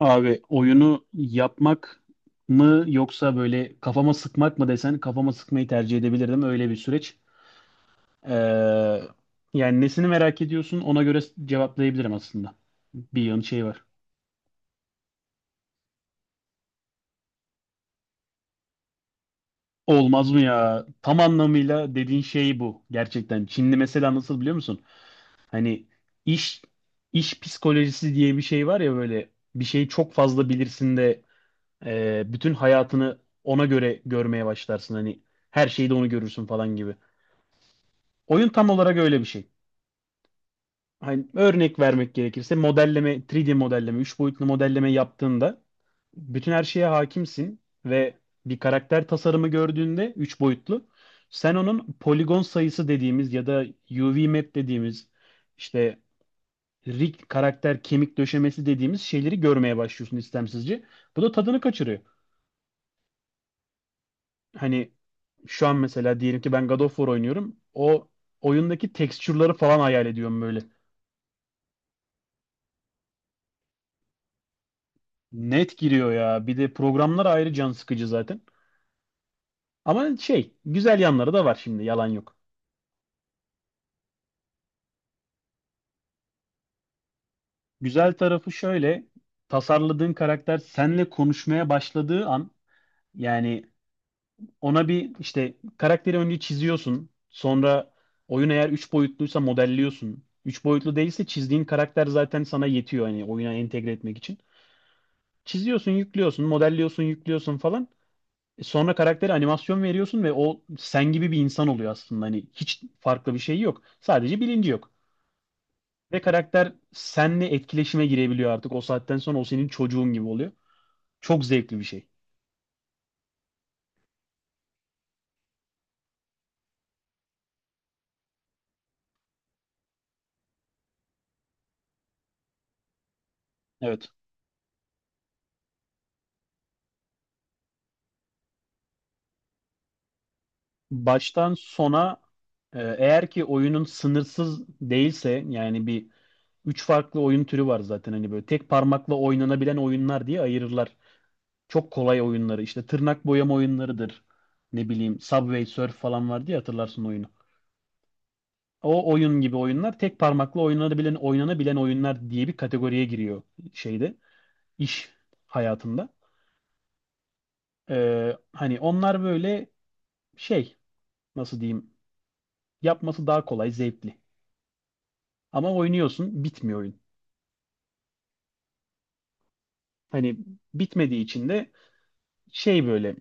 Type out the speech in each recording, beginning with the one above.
Abi oyunu yapmak mı yoksa böyle kafama sıkmak mı desen kafama sıkmayı tercih edebilirdim. Öyle bir süreç. Ee, yani nesini merak ediyorsun ona göre cevaplayabilirim aslında. Bir yan şey var. Olmaz mı ya? Tam anlamıyla dediğin şey bu gerçekten. Çinli mesela nasıl biliyor musun? Hani iş iş psikolojisi diye bir şey var ya böyle bir şeyi çok fazla bilirsin de bütün hayatını ona göre görmeye başlarsın. Hani her şeyi de onu görürsün falan gibi. Oyun tam olarak öyle bir şey. Hani örnek vermek gerekirse modelleme, 3D modelleme, 3 boyutlu modelleme yaptığında bütün her şeye hakimsin ve bir karakter tasarımı gördüğünde 3 boyutlu sen onun poligon sayısı dediğimiz ya da UV map dediğimiz işte rig karakter kemik döşemesi dediğimiz şeyleri görmeye başlıyorsun istemsizce. Bu da tadını kaçırıyor. Hani şu an mesela diyelim ki ben God of War oynuyorum. O oyundaki tekstürleri falan hayal ediyorum böyle. Net giriyor ya. Bir de programlar ayrı can sıkıcı zaten. Ama şey, güzel yanları da var şimdi, yalan yok. Güzel tarafı şöyle, tasarladığın karakter senle konuşmaya başladığı an, yani ona bir işte karakteri önce çiziyorsun, sonra oyun eğer 3 boyutluysa modelliyorsun. 3 boyutlu değilse çizdiğin karakter zaten sana yetiyor hani oyuna entegre etmek için. Çiziyorsun, yüklüyorsun, modelliyorsun, yüklüyorsun falan. Sonra karaktere animasyon veriyorsun ve o sen gibi bir insan oluyor aslında. Hani hiç farklı bir şey yok. Sadece bilinci yok. Ve karakter senle etkileşime girebiliyor artık. O saatten sonra o senin çocuğun gibi oluyor. Çok zevkli bir şey. Evet. Baştan sona eğer ki oyunun sınırsız değilse yani bir üç farklı oyun türü var zaten hani böyle tek parmakla oynanabilen oyunlar diye ayırırlar. Çok kolay oyunları işte tırnak boyama oyunlarıdır. Ne bileyim Subway Surf falan vardı ya hatırlarsın oyunu. O oyun gibi oyunlar tek parmakla oynanabilen oyunlar diye bir kategoriye giriyor şeyde iş hayatında. Hani onlar böyle şey nasıl diyeyim yapması daha kolay zevkli. Ama oynuyorsun bitmiyor oyun. Hani bitmediği için de şey böyle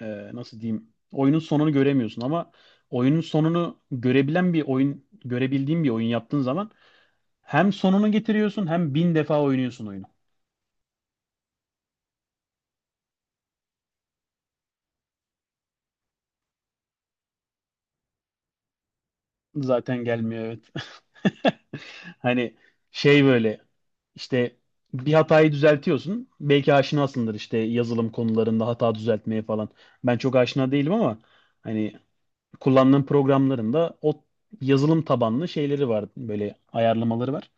nasıl diyeyim oyunun sonunu göremiyorsun ama oyunun sonunu görebilen bir oyun görebildiğin bir oyun yaptığın zaman hem sonunu getiriyorsun hem bin defa oynuyorsun oyunu. Zaten gelmiyor evet. Hani şey böyle işte bir hatayı düzeltiyorsun. Belki aşinasındır işte yazılım konularında hata düzeltmeye falan. Ben çok aşina değilim ama hani kullandığım programların da o yazılım tabanlı şeyleri var. Böyle ayarlamaları var.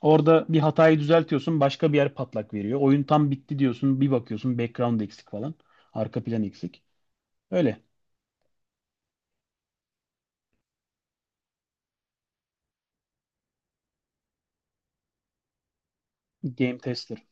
Orada bir hatayı düzeltiyorsun, başka bir yer patlak veriyor. Oyun tam bitti diyorsun, bir bakıyorsun background eksik falan. Arka plan eksik. Öyle. Game tester.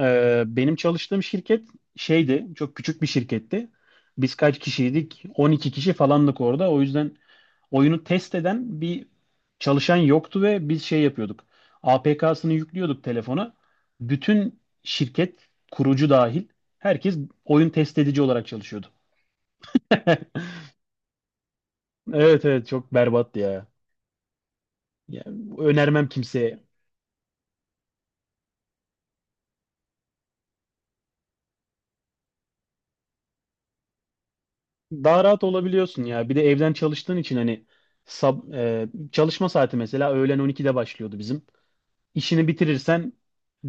Benim çalıştığım şirket şeydi, çok küçük bir şirketti. Biz kaç kişiydik? 12 kişi falandık orada. O yüzden oyunu test eden bir çalışan yoktu ve biz şey yapıyorduk. APK'sını yüklüyorduk telefona. Bütün şirket, kurucu dahil, herkes oyun test edici olarak çalışıyordu. Evet evet çok berbat ya. Ya, önermem kimseye. Daha rahat olabiliyorsun ya. Bir de evden çalıştığın için hani çalışma saati mesela öğlen 12'de başlıyordu bizim. İşini bitirirsen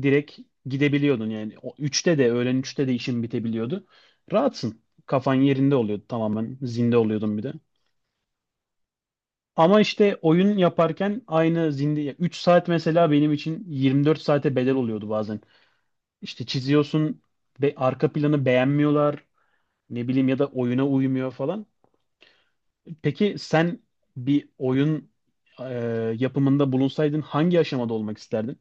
direkt gidebiliyordun yani. O 3'te de öğlen üçte de işin bitebiliyordu. Rahatsın. Kafan yerinde oluyordu tamamen. Zinde oluyordun bir de. Ama işte oyun yaparken aynı zinde 3 saat mesela benim için 24 saate bedel oluyordu bazen. İşte çiziyorsun ve arka planı beğenmiyorlar. Ne bileyim ya da oyuna uymuyor falan. Peki sen bir oyun e, yapımında bulunsaydın hangi aşamada olmak isterdin?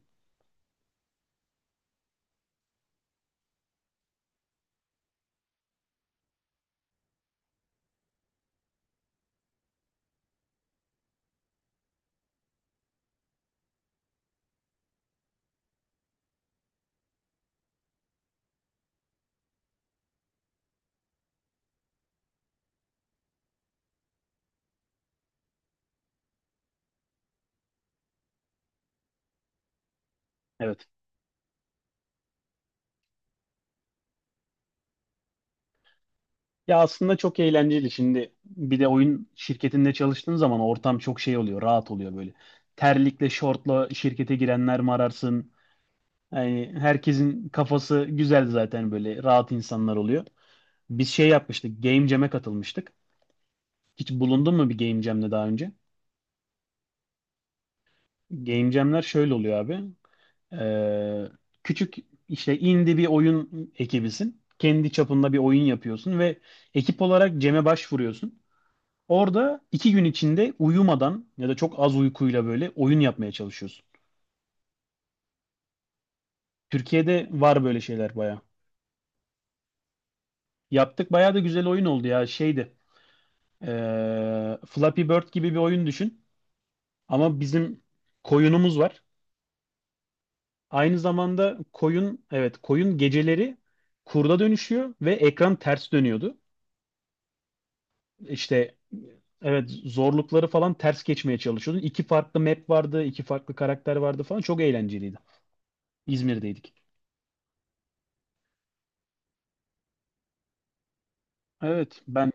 Evet. Ya aslında çok eğlenceli. Şimdi bir de oyun şirketinde çalıştığın zaman ortam çok şey oluyor, rahat oluyor böyle. Terlikle, şortla şirkete girenler mi ararsın? Yani herkesin kafası güzel zaten böyle rahat insanlar oluyor. Biz şey yapmıştık, Game Jam'e katılmıştık. Hiç bulundun mu bir Game Jam'le daha önce? Game Jam'ler şöyle oluyor abi. Ee, küçük işte indie bir oyun ekibisin. Kendi çapında bir oyun yapıyorsun ve ekip olarak Cem'e başvuruyorsun. Orada 2 gün içinde uyumadan ya da çok az uykuyla böyle oyun yapmaya çalışıyorsun. Türkiye'de var böyle şeyler baya. Yaptık baya da güzel oyun oldu ya şeydi. Flappy Bird gibi bir oyun düşün. Ama bizim koyunumuz var. Aynı zamanda koyun evet koyun geceleri kurda dönüşüyor ve ekran ters dönüyordu. İşte evet zorlukları falan ters geçmeye çalışıyordun. İki farklı map vardı, iki farklı karakter vardı falan. Çok eğlenceliydi. İzmir'deydik. Evet, ben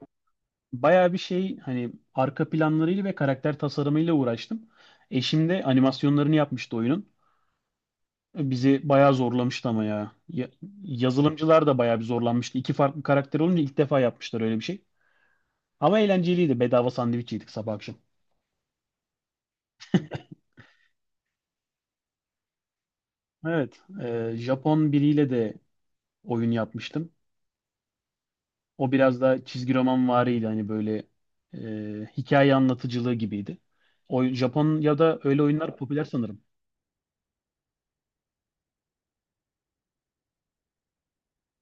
bayağı bir şey hani arka planlarıyla ve karakter tasarımıyla uğraştım. Eşim de animasyonlarını yapmıştı oyunun. Bizi bayağı zorlamıştı ama ya. Ya- Yazılımcılar da bayağı bir zorlanmıştı. İki farklı karakter olunca ilk defa yapmışlar öyle bir şey. Ama eğlenceliydi. Bedava sandviç yedik sabah akşam. Evet, Japon biriyle de oyun yapmıştım. O biraz daha çizgi roman variydi hani böyle hikaye anlatıcılığı gibiydi. O Japonya'da öyle oyunlar popüler sanırım.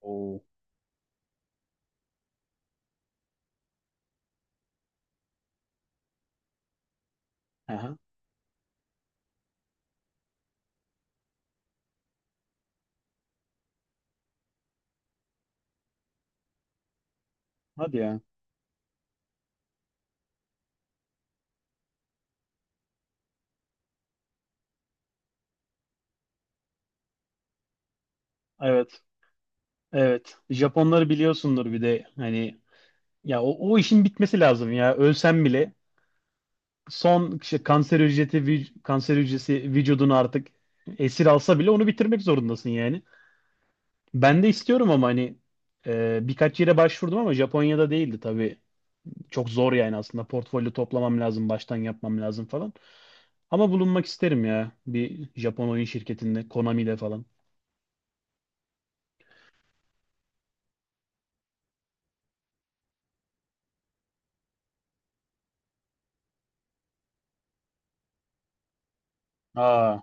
Oo. Aha. Hadi ya. Evet. Evet. Japonları biliyorsundur bir de hani ya o, o işin bitmesi lazım ya. Ölsem bile son işte kanser hücresi vücudunu artık esir alsa bile onu bitirmek zorundasın yani. Ben de istiyorum ama hani birkaç yere başvurdum ama Japonya'da değildi tabii. Çok zor yani aslında. Portfolyo toplamam lazım, baştan yapmam lazım falan. Ama bulunmak isterim ya bir Japon oyun şirketinde, Konami'de falan. Aa,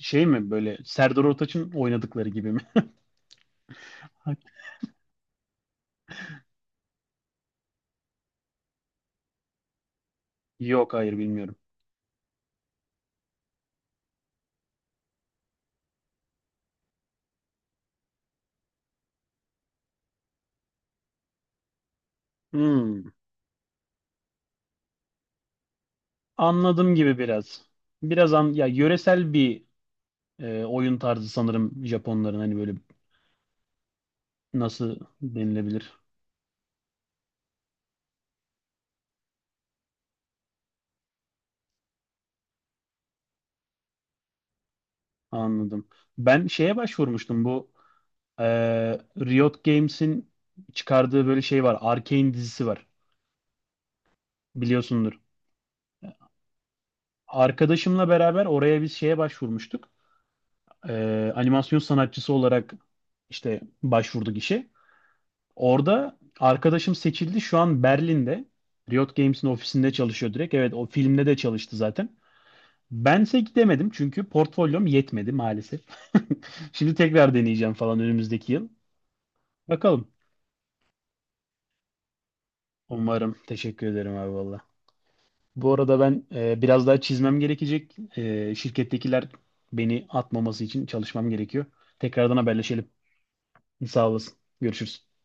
şey mi böyle Serdar Ortaç'ın oynadıkları gibi mi? Yok hayır bilmiyorum. Hmm, anladım gibi biraz. Biraz an, ya yöresel bir oyun tarzı sanırım Japonların hani böyle nasıl denilebilir? Anladım. Ben şeye başvurmuştum bu e, Riot Games'in çıkardığı böyle şey var. Arcane dizisi var. Biliyorsundur. Arkadaşımla beraber oraya biz şeye başvurmuştuk. Animasyon sanatçısı olarak işte başvurduk işe. Orada arkadaşım seçildi. Şu an Berlin'de. Riot Games'in ofisinde çalışıyor direkt. Evet o filmde de çalıştı zaten. Bense gidemedim çünkü portfolyom yetmedi maalesef. Şimdi tekrar deneyeceğim falan önümüzdeki yıl. Bakalım. Umarım. Teşekkür ederim abi valla. Bu arada ben biraz daha çizmem gerekecek. Şirkettekiler beni atmaması için çalışmam gerekiyor. Tekrardan haberleşelim. Sağ olasın. Görüşürüz.